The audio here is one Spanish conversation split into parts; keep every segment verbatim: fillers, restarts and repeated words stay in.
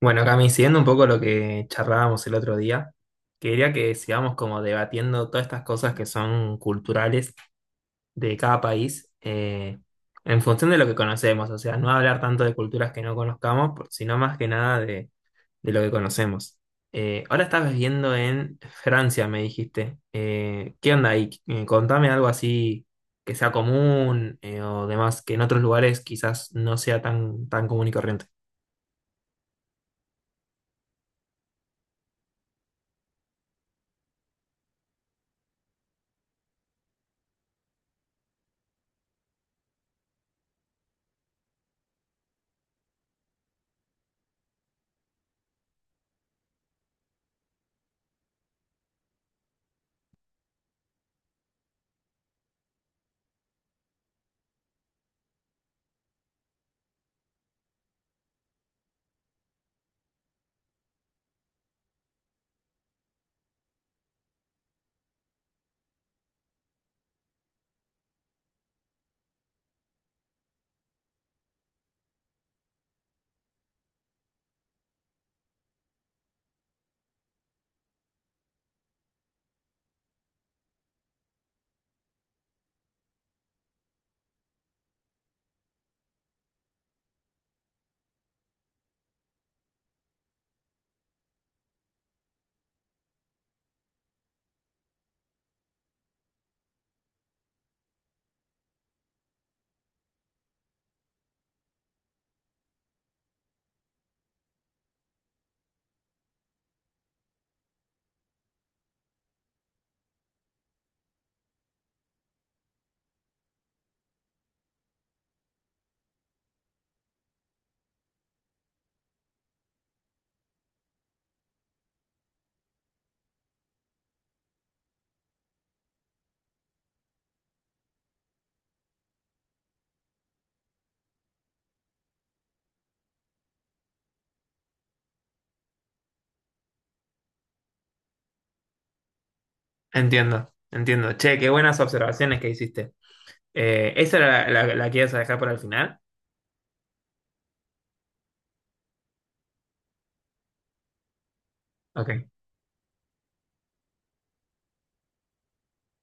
Bueno, Cami, siguiendo un poco lo que charlábamos el otro día, quería que sigamos como debatiendo todas estas cosas que son culturales de cada país eh, en función de lo que conocemos, o sea, no hablar tanto de culturas que no conozcamos, por- sino más que nada de, de lo que conocemos. Eh, ahora estás viviendo en Francia, me dijiste. Eh, ¿qué onda ahí? Eh, contame algo así que sea común eh, o demás, que en otros lugares quizás no sea tan, tan común y corriente. Entiendo, entiendo. Che, qué buenas observaciones que hiciste. Eh, ¿esa era la, la- la que ibas a dejar para el final? Ok,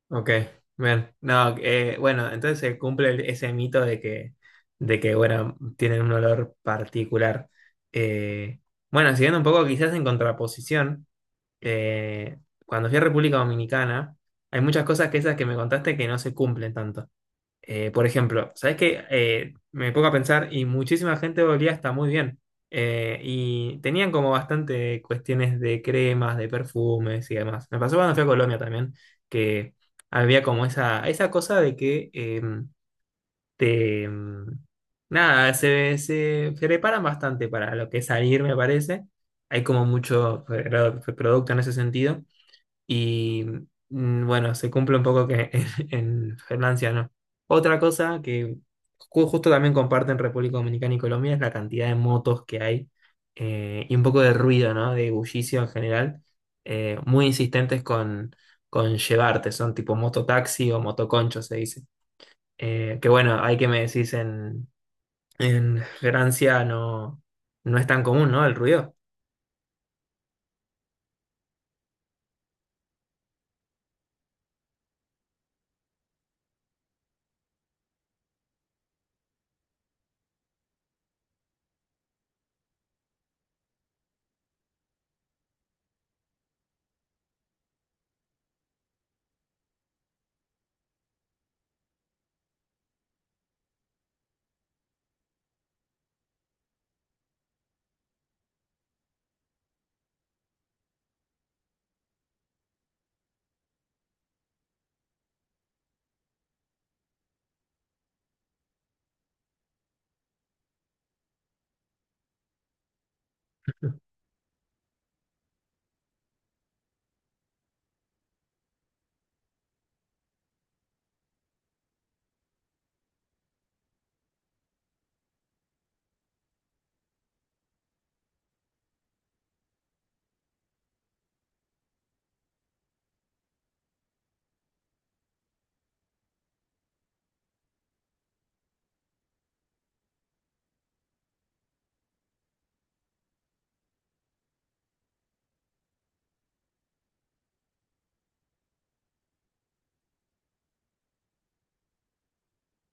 ok, bien. No, eh, bueno, entonces se cumple el- ese mito de que, de que, bueno, tienen un olor particular. Eh, bueno, siguiendo un poco quizás en contraposición, eh, cuando fui a República Dominicana, hay muchas cosas que esas que me contaste que no se cumplen tanto. Eh, por ejemplo, ¿sabes qué? Eh, me pongo a pensar y muchísima gente olía hasta muy bien. Eh, y tenían como bastante cuestiones de cremas, de perfumes y demás. Me pasó cuando fui a Colombia también, que había como esa, esa cosa de que eh, te... mm, nada, se, se preparan bastante para lo que es salir, me parece. Hay como mucho pro- producto en ese sentido. Y mm, bueno, se cumple un poco que en, en Francia no. Otra cosa que ju- justo también comparten República Dominicana y Colombia es la cantidad de motos que hay eh, y un poco de ruido, ¿no? De bullicio en general. eh, muy insistentes con, con llevarte, son tipo mototaxi o motoconcho, se dice. Eh, que bueno, hay que me decís en, en Francia no, no es tan común, ¿no? El ruido.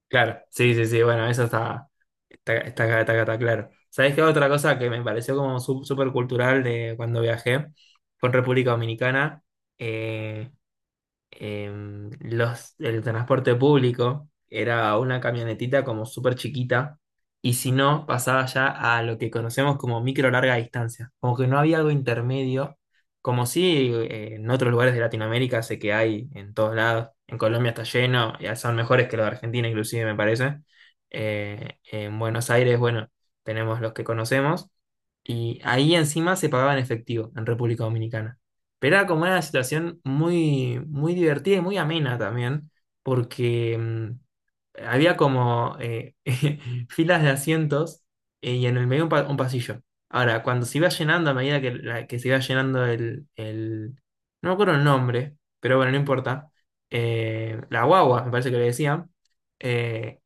Claro, sí, sí, sí, bueno, eso está. Está, está, está, está- está claro. ¿Sabés qué? Otra cosa que me pareció como súper cultural de cuando viajé fue en República Dominicana. eh, em, los, el transporte público era una camionetita como súper chiquita y si no, pasaba ya a lo que conocemos como micro larga distancia, como que no había algo intermedio, como si eh, en otros lugares de Latinoamérica sé que hay en todos lados, en Colombia está lleno, ya son mejores que los de Argentina inclusive me parece. Eh, en Buenos Aires, bueno, tenemos los que conocemos. Y ahí encima se pagaba en efectivo en República Dominicana. Pero era como una situación muy, muy divertida y muy amena también, porque mm, había como eh, filas de asientos eh, y en el medio un, pa- un pasillo. Ahora, cuando se iba llenando, a medida que, la- que se iba llenando el, el- no me acuerdo el nombre, pero bueno, no importa. eh, la guagua, me parece que le decían. eh,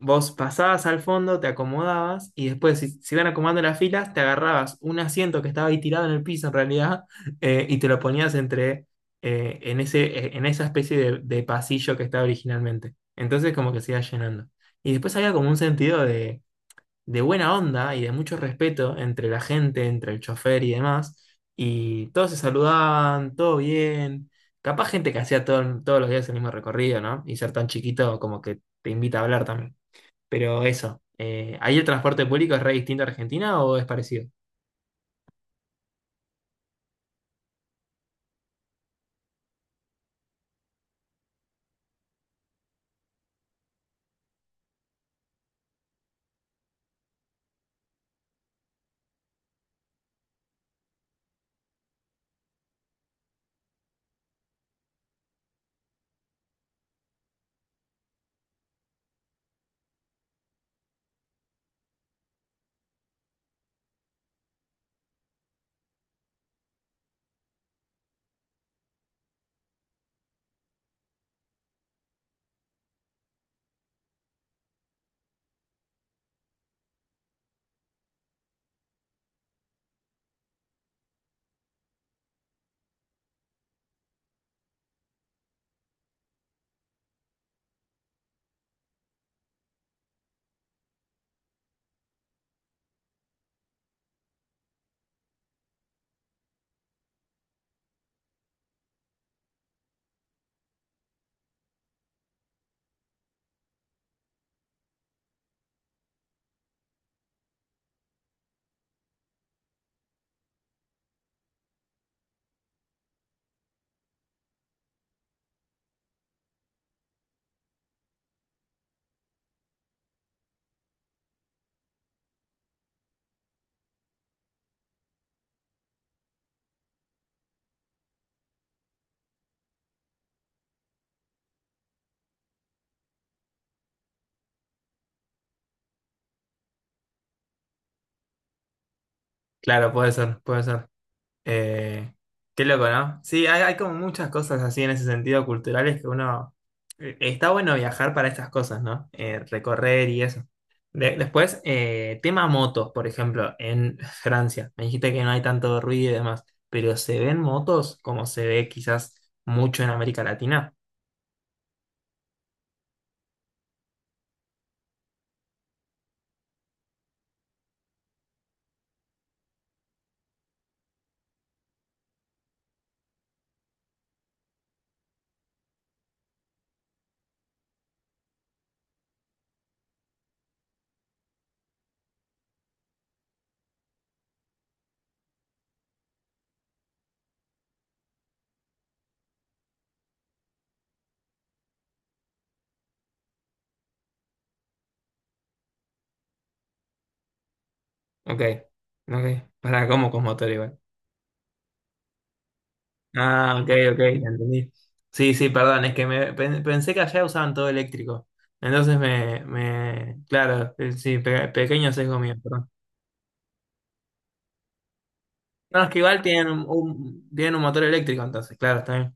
vos pasabas al fondo, te acomodabas y después, si se iban acomodando las filas, te agarrabas un asiento que estaba ahí tirado en el piso en realidad eh, y te lo ponías entre... eh, en ese, en esa especie de de pasillo que estaba originalmente. Entonces como que se iba llenando. Y después había como un sentido de, de buena onda y de mucho respeto entre la gente, entre el chofer y demás. Y todos se saludaban, todo bien. Capaz gente que hacía todo- todos los días el mismo recorrido, ¿no? Y ser tan chiquito como que te invita a hablar también. Pero eso, eh, ¿ahí el transporte público es re distinto a Argentina o es parecido? Claro, puede ser, puede ser. Eh, qué loco, ¿no? Sí, hay, hay como muchas cosas así en ese sentido culturales que uno... eh, está bueno viajar para estas cosas, ¿no? Eh, recorrer y eso. De- después, eh, tema motos, por ejemplo, en Francia. Me dijiste que no hay tanto ruido y demás, pero ¿se ven motos como se ve quizás mucho en América Latina? Ok, ok. Para, ¿cómo con motor igual? Ah, ok, ok, ya entendí. Sí, sí, perdón, es que me, pen- pensé que allá usaban todo eléctrico. Entonces me, me, claro, eh, sí, pe- pequeño sesgo mío, perdón. No, es que igual tienen un, un- tienen un motor eléctrico, entonces, claro, está bien.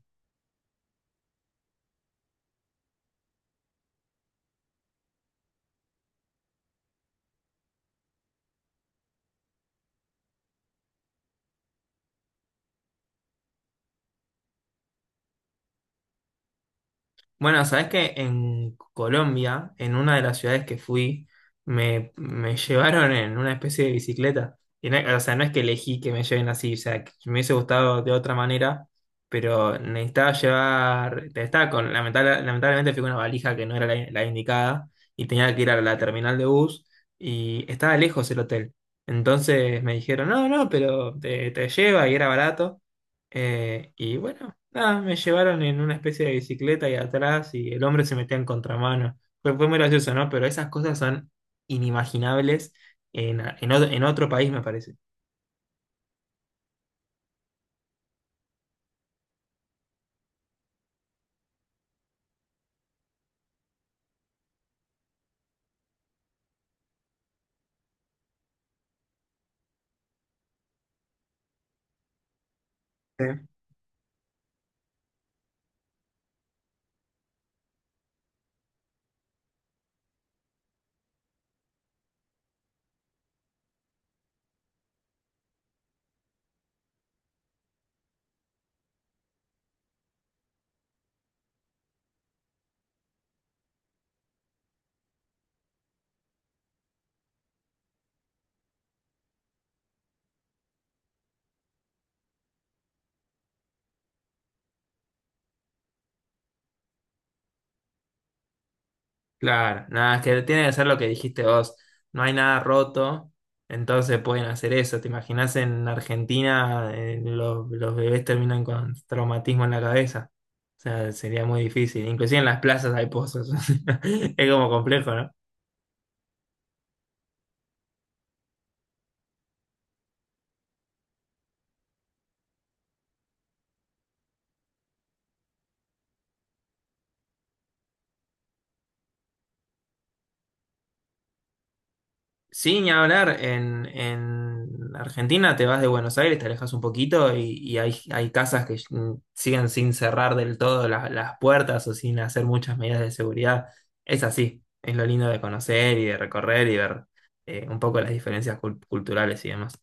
Bueno, sabes que en Colombia, en una de las ciudades que fui, me, me llevaron en una especie de bicicleta. Y no- o sea, no es que elegí que me lleven así, o sea, que me hubiese gustado de otra manera, pero necesitaba llevar, estaba con, lamentable- lamentablemente fui con una valija que no era la, la indicada y tenía que ir a la terminal de bus y estaba lejos el hotel. Entonces me dijeron, no, no, pero te, te lleva y era barato. Eh, y bueno. Nada, me llevaron en una especie de bicicleta y atrás y el hombre se metía en contramano. Fue, fue muy gracioso, ¿no? Pero esas cosas son inimaginables en, en otro, en otro país, me parece. Sí. Claro, nada, es que tiene que ser lo que dijiste vos. No hay nada roto, entonces pueden hacer eso. ¿Te imaginas en Argentina eh, los, los bebés terminan con traumatismo en la cabeza? O sea, sería muy difícil. Inclusive en las plazas hay pozos. Es como complejo, ¿no? Sí, ni hablar, en, en Argentina te vas de Buenos Aires, te alejas un poquito y, y hay, hay casas que mm, siguen sin cerrar del todo la- las puertas o sin hacer muchas medidas de seguridad. Es así, es lo lindo de conocer y de recorrer y ver eh, un poco las diferencias cul- culturales y demás.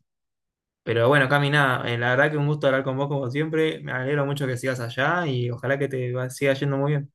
Pero bueno, Cami, nada, eh, la verdad que un gusto hablar con vos como siempre, me alegro mucho que sigas allá y ojalá que te va- siga yendo muy bien.